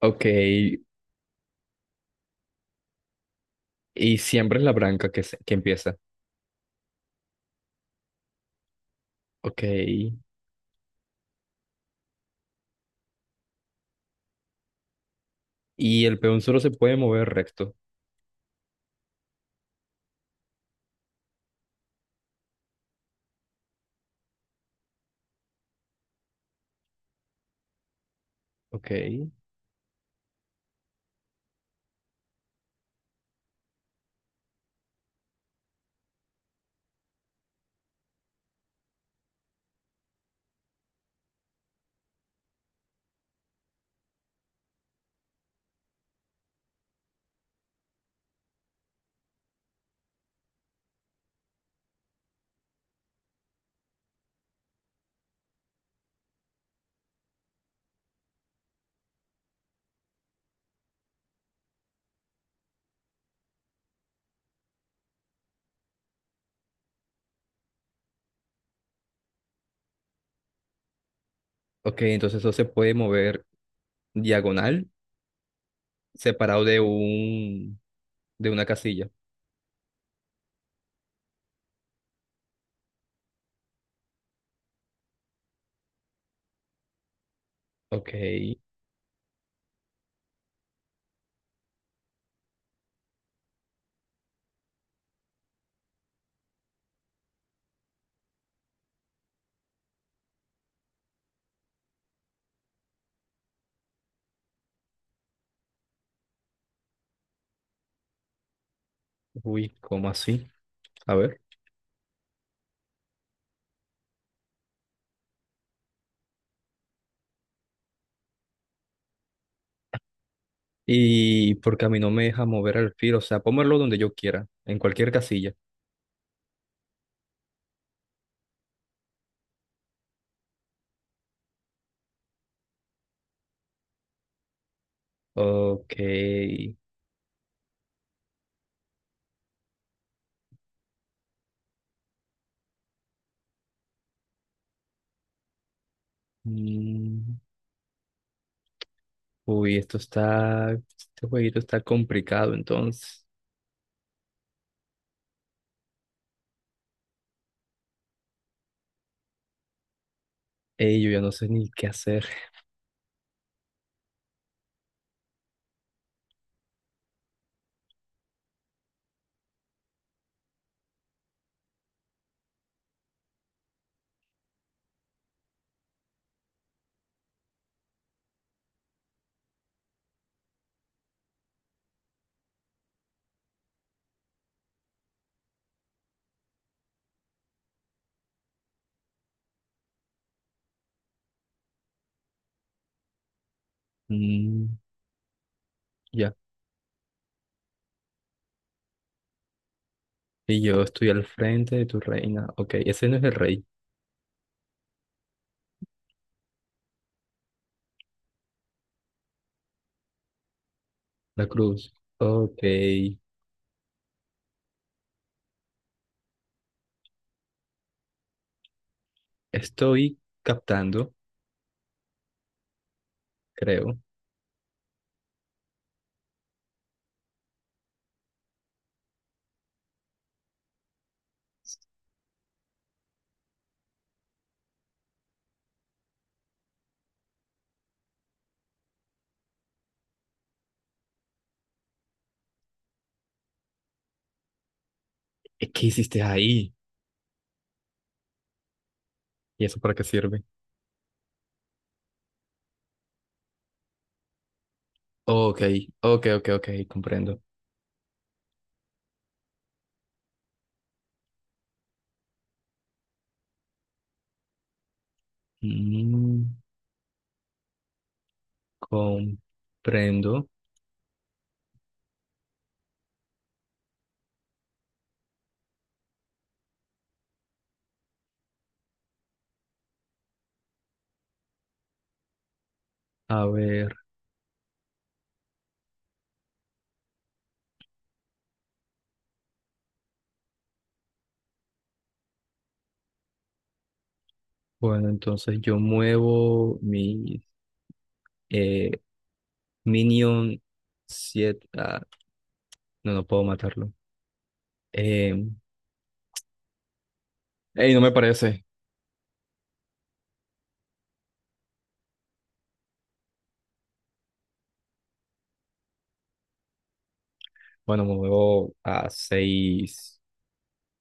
Ok, y siempre es la branca que, que empieza. Ok, y el peón solo se puede mover recto. Ok, ok, entonces eso se puede mover diagonal, separado de una casilla. Ok, uy, ¿cómo así? A ver. Y porque a mí no me deja mover el alfil, o sea, puedo moverlo donde yo quiera, en cualquier casilla. Ok, mm, uy, este jueguito está complicado, entonces. Ey, yo ya no sé ni qué hacer. Mm. Ya. Y yo estoy al frente de tu reina. Ok, ese no es el rey. La cruz. Ok. Estoy captando, creo. ¿Qué hiciste ahí? ¿Y eso para qué sirve? Ok, ok, ok, ok, comprendo. Mm, comprendo. A ver. Bueno, entonces yo muevo mi eh, Minion 7. Ah, no, no puedo matarlo. Eh, ey, no me parece. Bueno, me muevo a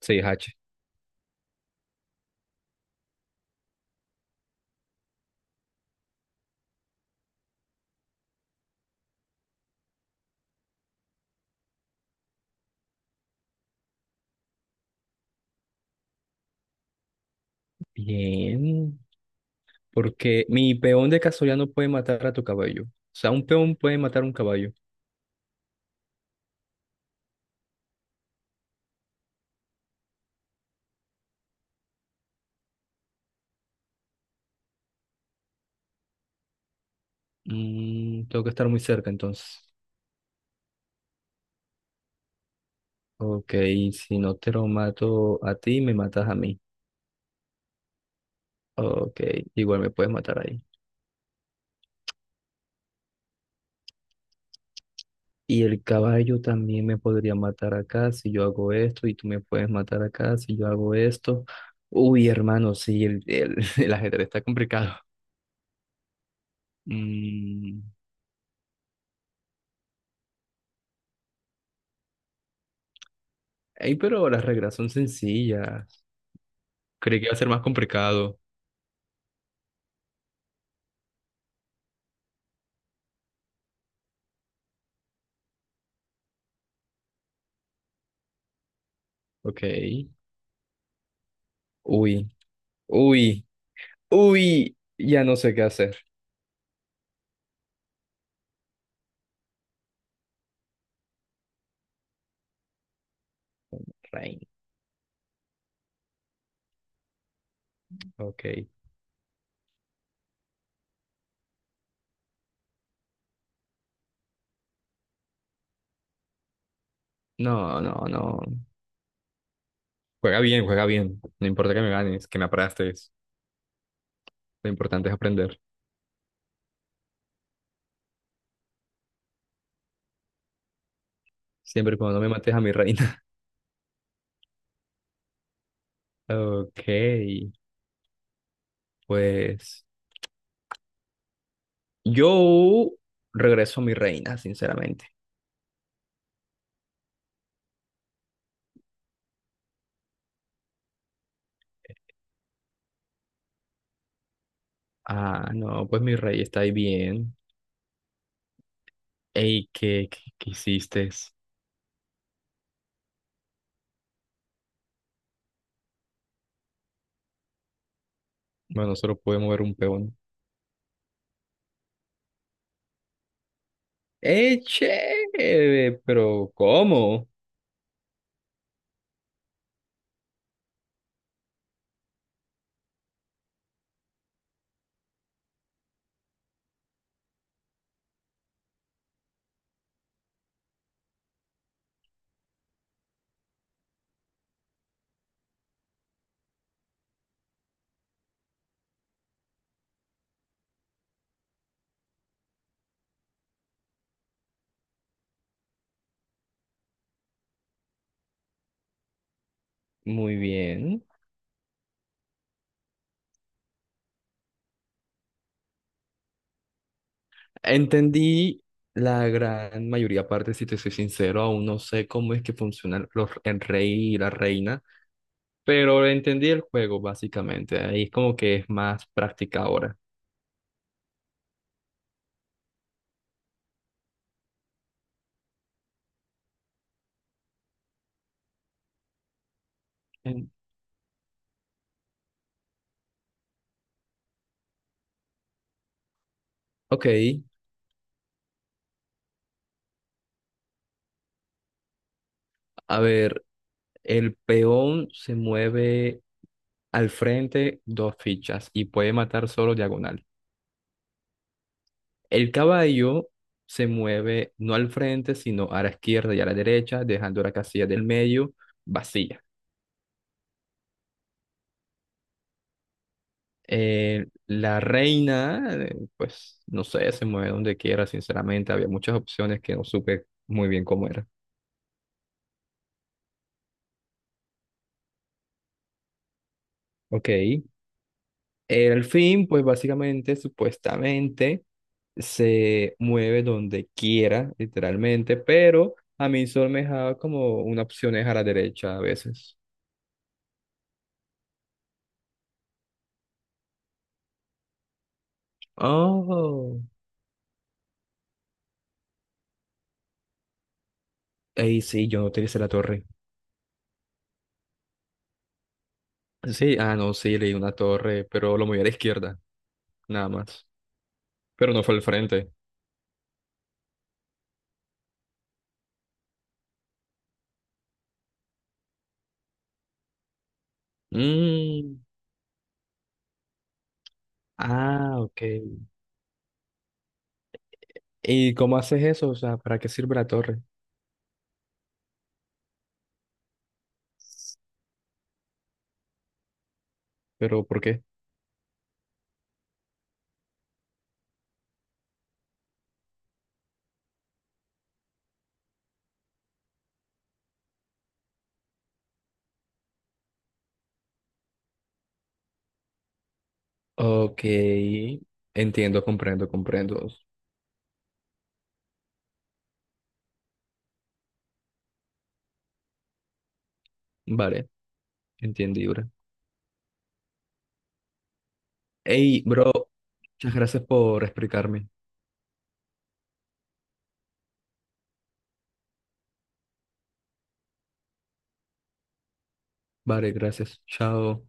seis h. Bien, porque mi peón de casualidad no puede matar a tu caballo. O sea, un peón puede matar a un caballo. Mm, tengo que estar muy cerca entonces. Ok, si no te lo mato a ti, me matas a mí. Ok, igual me puedes matar ahí. Y el caballo también me podría matar acá si yo hago esto, y tú me puedes matar acá si yo hago esto. Uy, hermano, sí, el ajedrez está complicado. Mm, ey, pero las reglas son sencillas. Creí que iba a ser más complicado. Ok. Uy, uy, uy. Ya no sé qué hacer. Rain. Ok. No, no, no. Juega bien, juega bien. No importa que me ganes, que me aplastes. Lo importante es aprender. Siempre y cuando no me mates a mi reina. Ok, pues yo regreso a mi reina, sinceramente. Ah, no, pues mi rey está ahí bien. Ey, qué hiciste? Bueno, solo puede mover un peón. ¡Eh, chévere! Pero, ¿cómo? Muy bien. Entendí la gran mayoría parte, si te soy sincero, aún no sé cómo es que funcionan el rey y la reina, pero entendí el juego básicamente, ahí es como que es más práctica ahora. En- Ok, a ver, el peón se mueve al frente dos fichas y puede matar solo diagonal. El caballo se mueve no al frente, sino a la izquierda y a la derecha, dejando la casilla del medio vacía. La reina, pues no sé, se mueve donde quiera, sinceramente. Había muchas opciones que no supe muy bien cómo era. Ok. El fin, pues básicamente, supuestamente, se mueve donde quiera, literalmente, pero a mí solo me dejaba como una opción es a la derecha a veces. Oh. Ey, sí, yo no utilicé la torre. Sí, ah, no, sí, leí una torre, pero lo moví a la izquierda, nada más. Pero no fue al frente. Mm. Ah, ok. ¿Y cómo haces eso? O sea, ¿para qué sirve la torre? ¿Pero por qué? Ok, entiendo, comprendo, comprendo. Vale, entendible. Hey, bro, muchas gracias por explicarme. Vale, gracias. Chao.